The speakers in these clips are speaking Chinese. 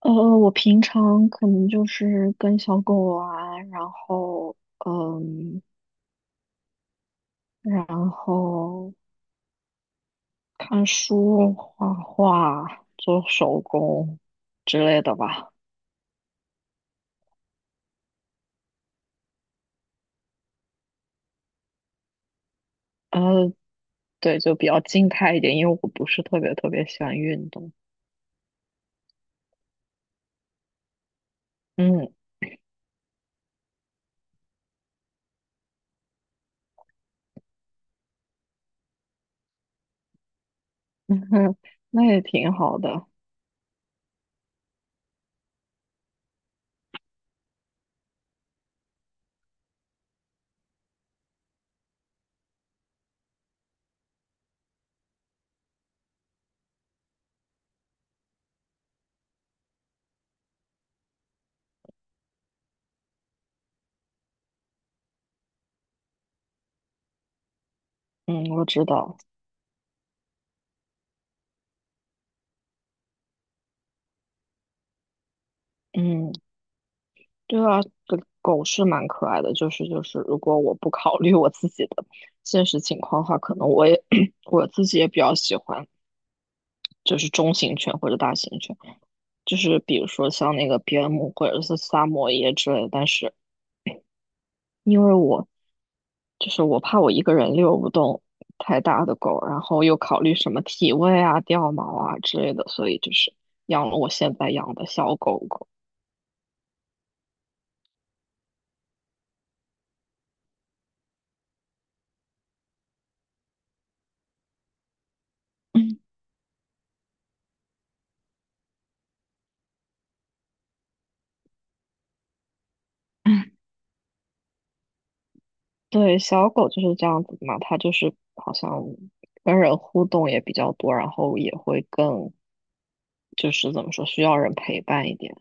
呃，我平常可能就是跟小狗玩，嗯，然后看书、画画、做手工之类的吧。呃，对，就比较静态一点，因为我不是特别特别喜欢运动。嗯。那也挺好的。嗯，我知道。嗯，对啊，狗狗是蛮可爱的，如果我不考虑我自己的现实情况的话，可能我也 我自己也比较喜欢。就是中型犬或者大型犬，就是比如说像那个边牧或者是萨摩耶之类的。但是因为我就是我怕我一个人遛不动太大的狗，然后又考虑什么体味啊、掉毛啊之类的，所以就是养了我现在养的小狗狗。对，小狗就是这样子嘛，它就是好像跟人互动也比较多，然后也会更就是怎么说，需要人陪伴一点。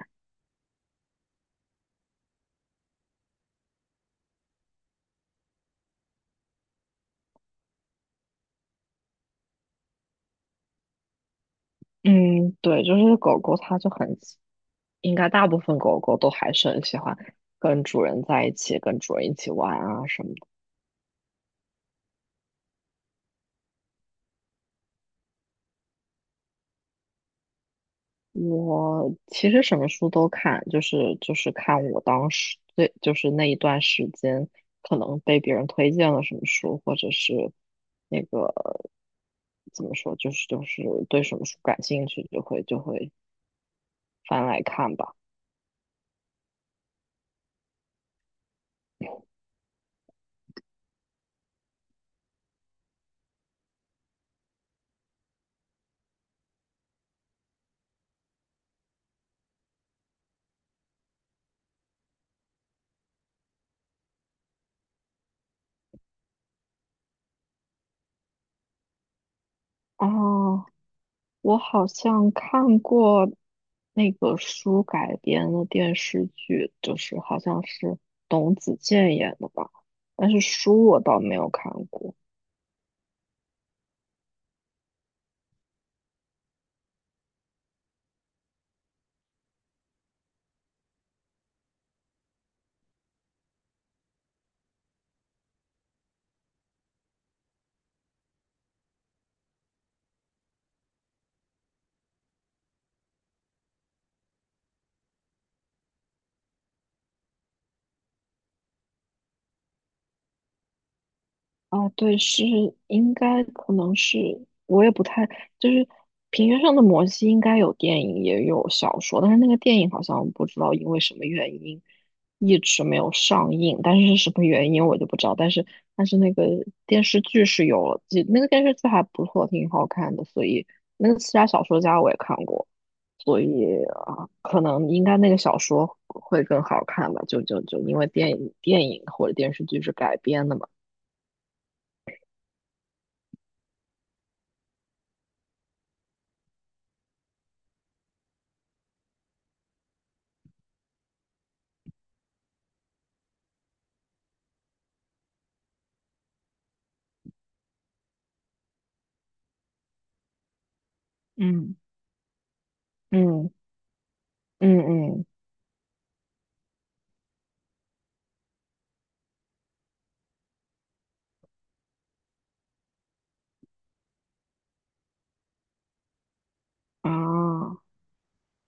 嗯，对，就是狗狗它就很喜应该大部分狗狗都还是很喜欢跟主人在一起，跟主人一起玩啊什么的。我其实什么书都看，就是看我当时最就是那一段时间可能被别人推荐了什么书，或者是那个怎么说，就是对什么书感兴趣，就会翻来看吧。哦，我好像看过那个书改编的电视剧，就是好像是董子健演的吧，但是书我倒没有看过。啊，对，是应该可能是我也不太，就是《平原上的摩西》应该有电影也有小说，但是那个电影好像不知道因为什么原因一直没有上映，但是是什么原因我就不知道。但是那个电视剧是有了，记那个电视剧还不错，挺好看的，所以那个《刺杀小说家》我也看过，所以啊，可能应该那个小说会更好看吧，就因为电影或者电视剧是改编的嘛。嗯。嗯。嗯嗯。啊，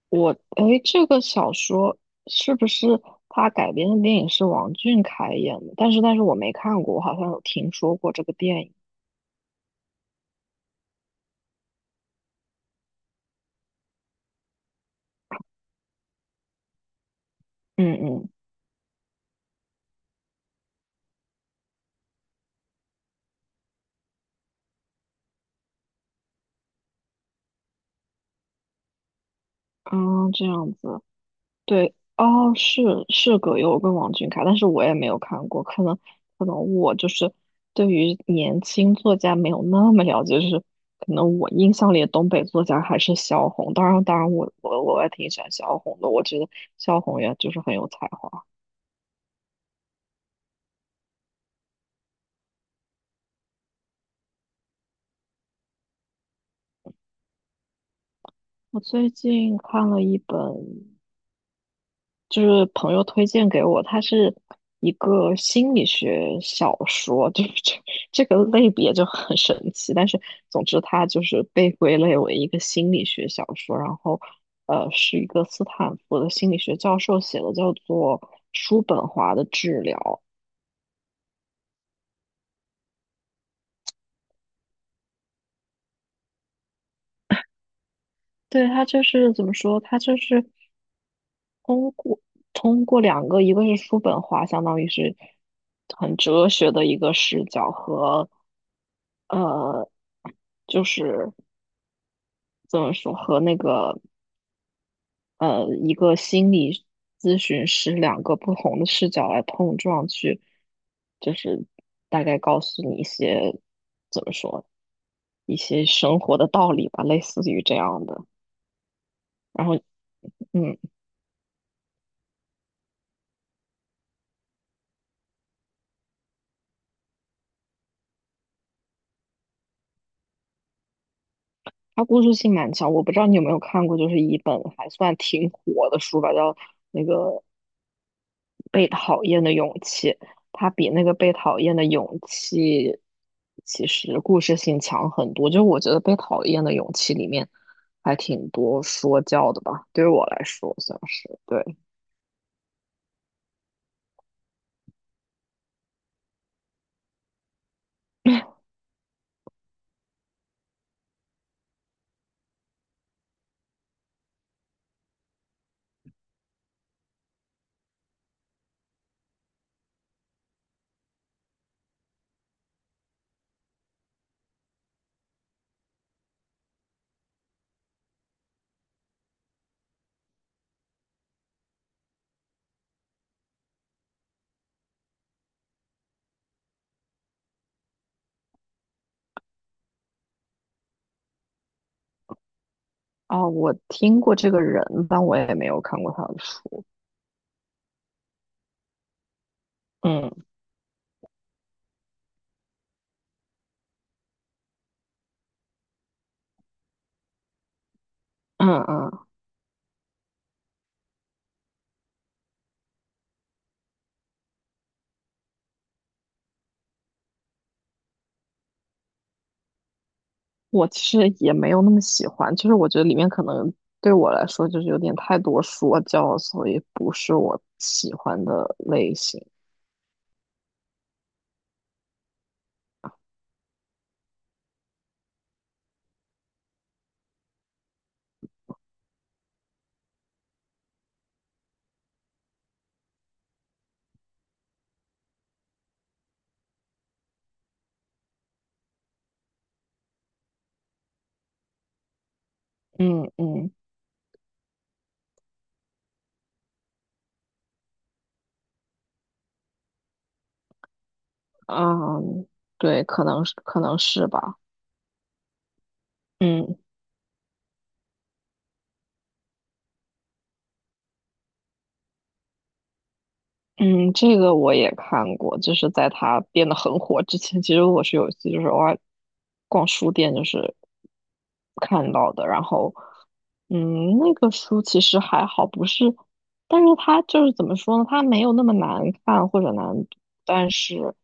我诶，这个小说是不是他改编的电影是王俊凯演的？但是我没看过，我好像有听说过这个电影。嗯嗯。啊，这样子，对哦，是葛优跟王俊凯，但是我也没有看过，可能我就是对于年轻作家没有那么了解，就是可能我印象里的东北作家还是萧红，当然我也挺喜欢萧红的，我觉得萧红也就是很有才华。我最近看了一本，就是朋友推荐给我，它是一个心理学小说，就是这个类别就很神奇。但是总之，它就是被归类为一个心理学小说。然后，是一个斯坦福的心理学教授写的，叫做《叔本华的治疗》。对，他就是怎么说？他就是通过通过两个，一个是书本化，相当于是很哲学的一个视角和呃，就是怎么说和那个一个心理咨询师两个不同的视角来碰撞去，就是大概告诉你一些怎么说一些生活的道理吧，类似于这样的。然后嗯，它故事性蛮强，我不知道你有没有看过，就是一本还算挺火的书吧，叫那个《被讨厌的勇气》。它比那个《被讨厌的勇气》其实故事性强很多。就是我觉得《被讨厌的勇气》里面还挺多说教的吧，对于我来说算是对。啊，我听过这个人，但我也没有看过他的书。嗯嗯。嗯。我其实也没有那么喜欢，就是我觉得里面可能对我来说就是有点太多说教，所以不是我喜欢的类型。嗯嗯。嗯，对，可能是可能是吧。嗯。嗯，这个我也看过，就是在他变得很火之前，其实我是有一次就是偶尔逛书店，就是看到的。然后，嗯，那个书其实还好，不是，但是它就是怎么说呢？它没有那么难看或者难读，但是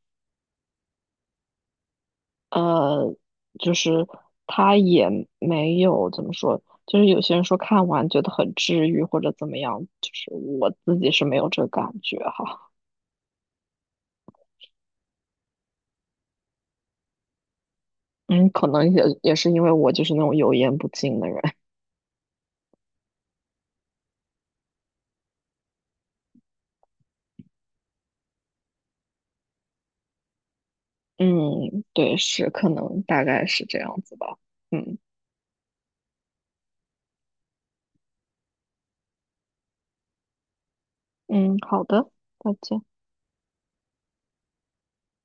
呃，就是它也没有怎么说，就是有些人说看完觉得很治愈或者怎么样，就是我自己是没有这个感觉哈。嗯，可能也是因为我就是那种油盐不进的人。嗯，对，是，可能大概是这样子吧。嗯。嗯，好的，再见。